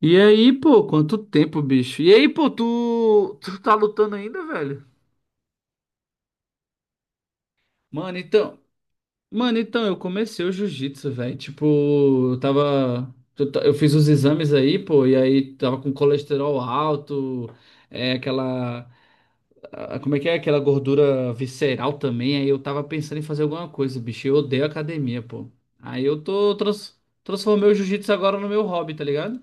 E aí, pô, quanto tempo, bicho? E aí, pô, tu tá lutando ainda, velho? Mano, então, mano, então, eu comecei o jiu-jitsu, velho. Tipo, eu tava, eu, ta- eu fiz os exames aí, pô, e aí tava com colesterol alto, é aquela, como é que é? Aquela gordura visceral também. Aí eu tava pensando em fazer alguma coisa, bicho. Eu odeio academia, pô. Aí eu transformei o jiu-jitsu agora no meu hobby, tá ligado?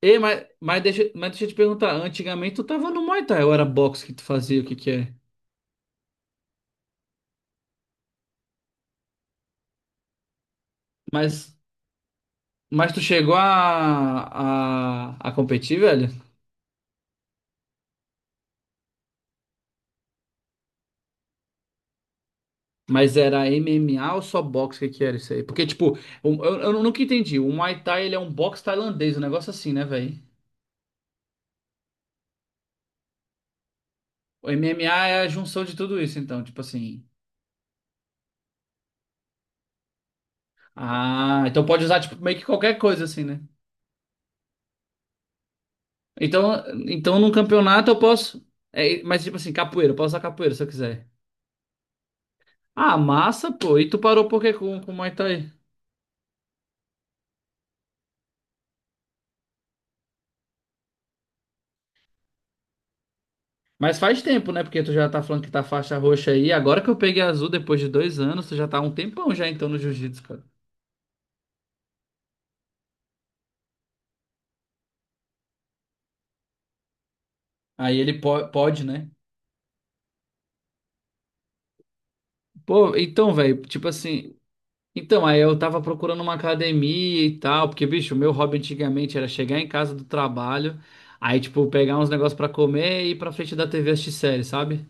Ei, mas deixa eu te perguntar, antigamente tu tava no Muay Thai, ou era boxe que tu fazia, o que que é? Mas, mas tu chegou a competir, velho? Mas era MMA ou só boxe, o que que era isso aí? Porque, tipo, eu nunca entendi, o Muay Thai ele é um boxe tailandês, um negócio assim, né, velho? O MMA é a junção de tudo isso, então, tipo assim... Ah, então pode usar, tipo, meio que qualquer coisa, assim, né? Então, então num campeonato eu posso... É, mas, tipo assim, capoeira, eu posso usar capoeira se eu quiser. Ah, massa, pô. E tu parou por quê com o Muay Thai? Mas faz tempo, né? Porque tu já tá falando que tá faixa roxa aí. Agora que eu peguei azul depois de dois anos, tu já tá há um tempão já então no jiu-jitsu, cara. Pode, né? Pô, então, velho, tipo assim. Então, aí eu tava procurando uma academia e tal, porque, bicho, o meu hobby antigamente era chegar em casa do trabalho, aí, tipo, pegar uns negócios pra comer e ir pra frente da TV assistir série, sabe?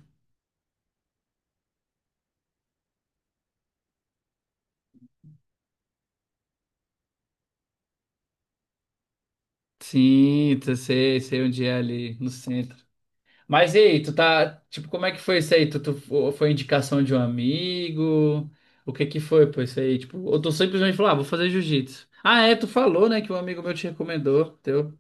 Sim, eu sei, sei onde é ali, no centro. Mas e aí, tu tá, tipo, como é que foi isso aí? Foi indicação de um amigo? O que que foi, pô, isso aí? Tipo, ou tu simplesmente falou, ah, vou fazer jiu-jitsu. Ah, é, tu falou, né, que um amigo meu te recomendou, teu.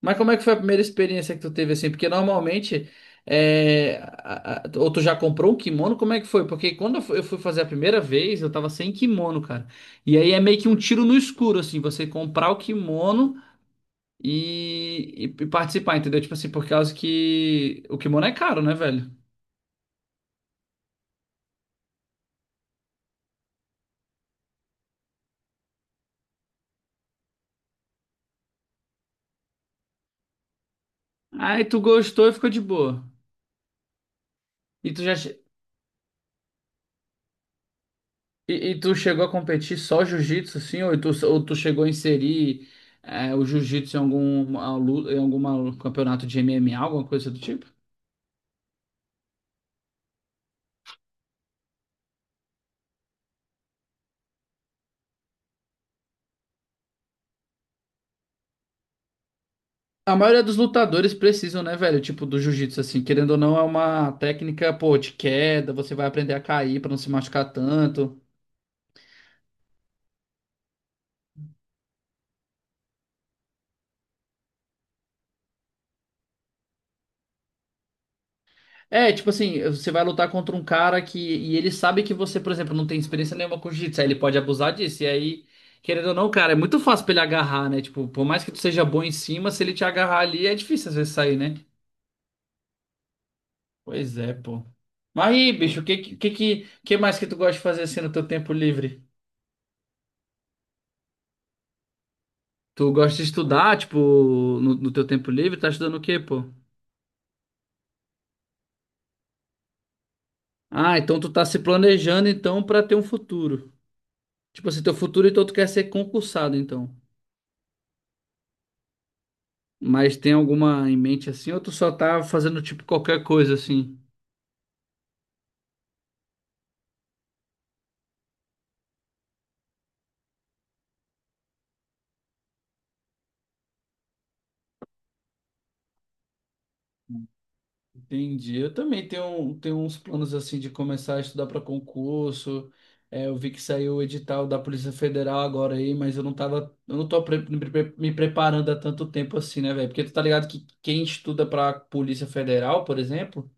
Mas como é que foi a primeira experiência que tu teve, assim? Porque normalmente, ou tu já comprou um kimono, como é que foi? Porque quando eu fui fazer a primeira vez, eu tava sem kimono, cara. E aí é meio que um tiro no escuro, assim, você comprar o kimono e participar, entendeu? Tipo assim, por causa que o kimono é caro, né, velho? Aí tu gostou e ficou de boa. E tu já che- e tu chegou a competir só jiu-jitsu, assim, ou tu chegou a inserir o jiu-jitsu em em algum campeonato de MMA, alguma coisa do tipo? A maioria dos lutadores precisam, né, velho? Tipo, do jiu-jitsu, assim, querendo ou não, é uma técnica, pô, de queda, você vai aprender a cair pra não se machucar tanto. É, tipo assim, você vai lutar contra um cara que. E ele sabe que você, por exemplo, não tem experiência nenhuma com jiu-jitsu. Aí ele pode abusar disso. E aí, querendo ou não, cara, é muito fácil pra ele agarrar, né? Tipo, por mais que tu seja bom em cima, se ele te agarrar ali, é difícil às vezes sair, né? Pois é, pô. Mas aí, bicho, o que, que mais que tu gosta de fazer assim no teu tempo livre? Tu gosta de estudar, tipo, no teu tempo livre? Tá estudando o quê, pô? Ah, então tu tá se planejando, então, pra ter um futuro. Tipo assim, teu futuro, então tu quer ser concursado, então. Mas tem alguma em mente assim, ou tu só tá fazendo tipo qualquer coisa assim? Entendi. Eu também tenho uns planos assim de começar a estudar para concurso. É, eu vi que saiu o edital da Polícia Federal agora aí, mas eu não tô pre- me preparando há tanto tempo assim, né, velho? Porque tu tá ligado que quem estuda para Polícia Federal, por exemplo,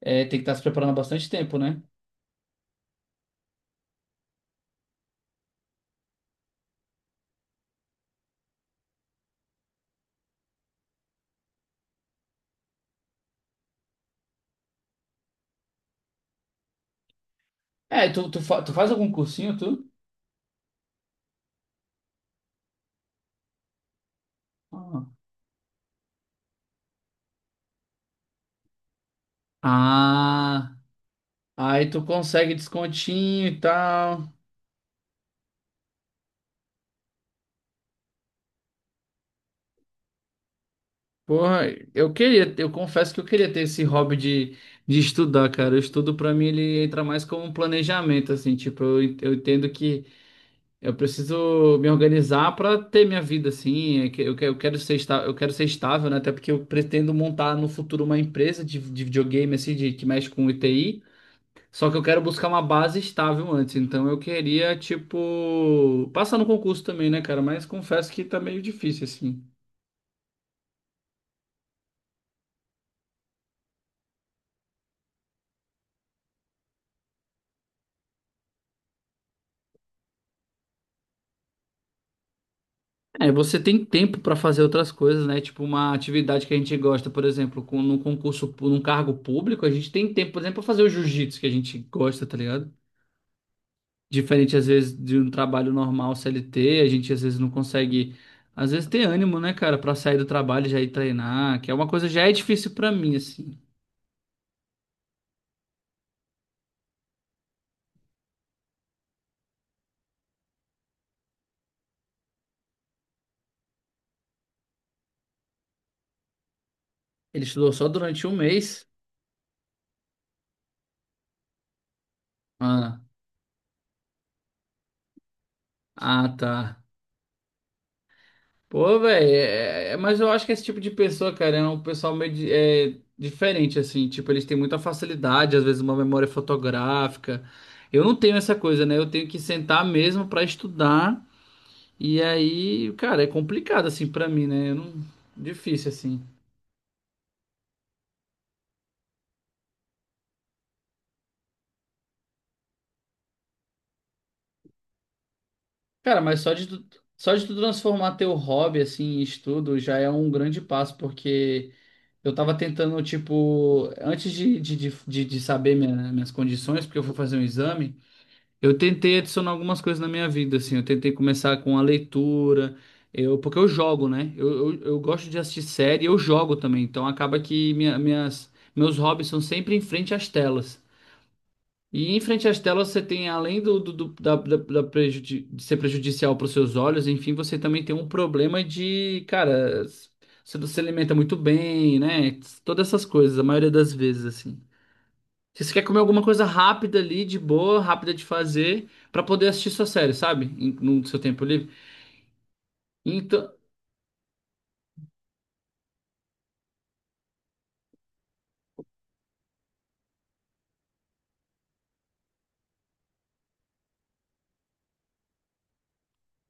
é, tem que estar se preparando há bastante tempo, né? É, e tu faz algum cursinho, tu? Ah. Ah, aí tu consegue descontinho e tal. Porra, eu queria, eu confesso que eu queria ter esse hobby de estudar, cara. O estudo pra mim ele entra mais como um planejamento, assim, tipo, eu entendo que eu preciso me organizar pra ter minha vida, assim. É que eu quero ser estável, né? Até porque eu pretendo montar no futuro uma empresa de videogame, assim, de, que mexe com ITI. Só que eu quero buscar uma base estável antes. Então eu queria, tipo, passar no concurso também, né, cara? Mas confesso que tá meio difícil, assim. É, você tem tempo para fazer outras coisas, né? Tipo uma atividade que a gente gosta, por exemplo, num concurso, num cargo público, a gente tem tempo, por exemplo, para fazer o jiu-jitsu que a gente gosta, tá ligado? Diferente, às vezes, de um trabalho normal CLT, a gente às vezes não às vezes ter ânimo, né, cara, para sair do trabalho e já ir treinar, que é uma coisa que já é difícil para mim, assim. Ele estudou só durante um mês. Ah, ah, tá. Pô, velho, é, mas eu acho que esse tipo de pessoa, cara, é um pessoal é, diferente, assim. Tipo, eles têm muita facilidade, às vezes uma memória fotográfica. Eu não tenho essa coisa, né? Eu tenho que sentar mesmo pra estudar. E aí, cara, é complicado, assim, pra mim, né? Eu não... Difícil, assim. Cara, mas só de tu transformar teu hobby, assim, em estudo já é um grande passo, porque eu tava tentando, tipo, antes de saber minhas condições, porque eu fui fazer um exame. Eu tentei adicionar algumas coisas na minha vida, assim. Eu tentei começar com a leitura, eu, porque eu jogo, né? Eu gosto de assistir série, eu jogo também. Então acaba que meus hobbies são sempre em frente às telas. E em frente às telas você tem, além da de ser prejudicial para os seus olhos, enfim, você também tem um problema de, cara, você não se alimenta muito bem, né? Todas essas coisas, a maioria das vezes, assim. Se você quer comer alguma coisa rápida ali, de boa, rápida de fazer, pra poder assistir sua série, sabe? No seu tempo livre. Então,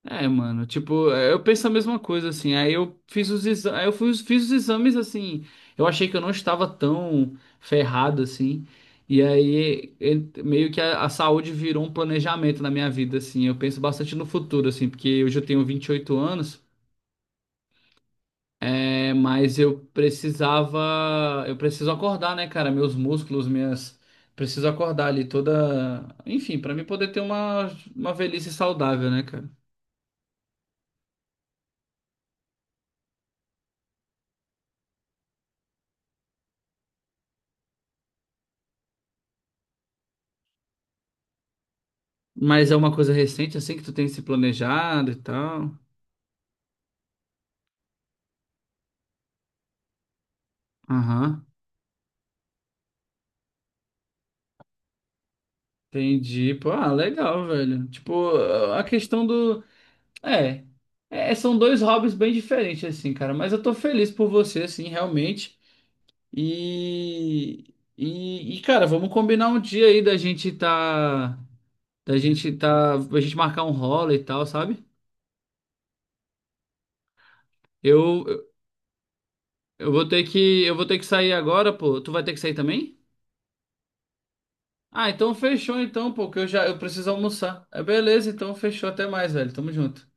é, mano, tipo, é, eu penso a mesma coisa, assim. Aí eu fiz os exames, fiz os exames, assim. Eu achei que eu não estava tão ferrado, assim. E aí, meio que a saúde virou um planejamento na minha vida, assim. Eu penso bastante no futuro, assim, porque hoje eu tenho 28 anos. É, mas eu precisava, eu preciso acordar, né, cara? Meus preciso acordar ali toda, enfim, pra mim poder ter uma velhice saudável, né, cara? Mas é uma coisa recente, assim que tu tem se planejado e tal. Aham. Entendi. Pô, ah, legal, velho. Tipo, a questão do, é, é, são dois hobbies bem diferentes assim, cara, mas eu tô feliz por você assim, realmente. E e, cara, vamos combinar um dia aí da gente tá, a gente marcar um rola e tal, sabe? Eu, eu eu vou ter que sair agora, pô. Tu vai ter que sair também? Ah, então fechou então, pô, que eu já, eu preciso almoçar. É beleza, então fechou, até mais, velho. Tamo junto.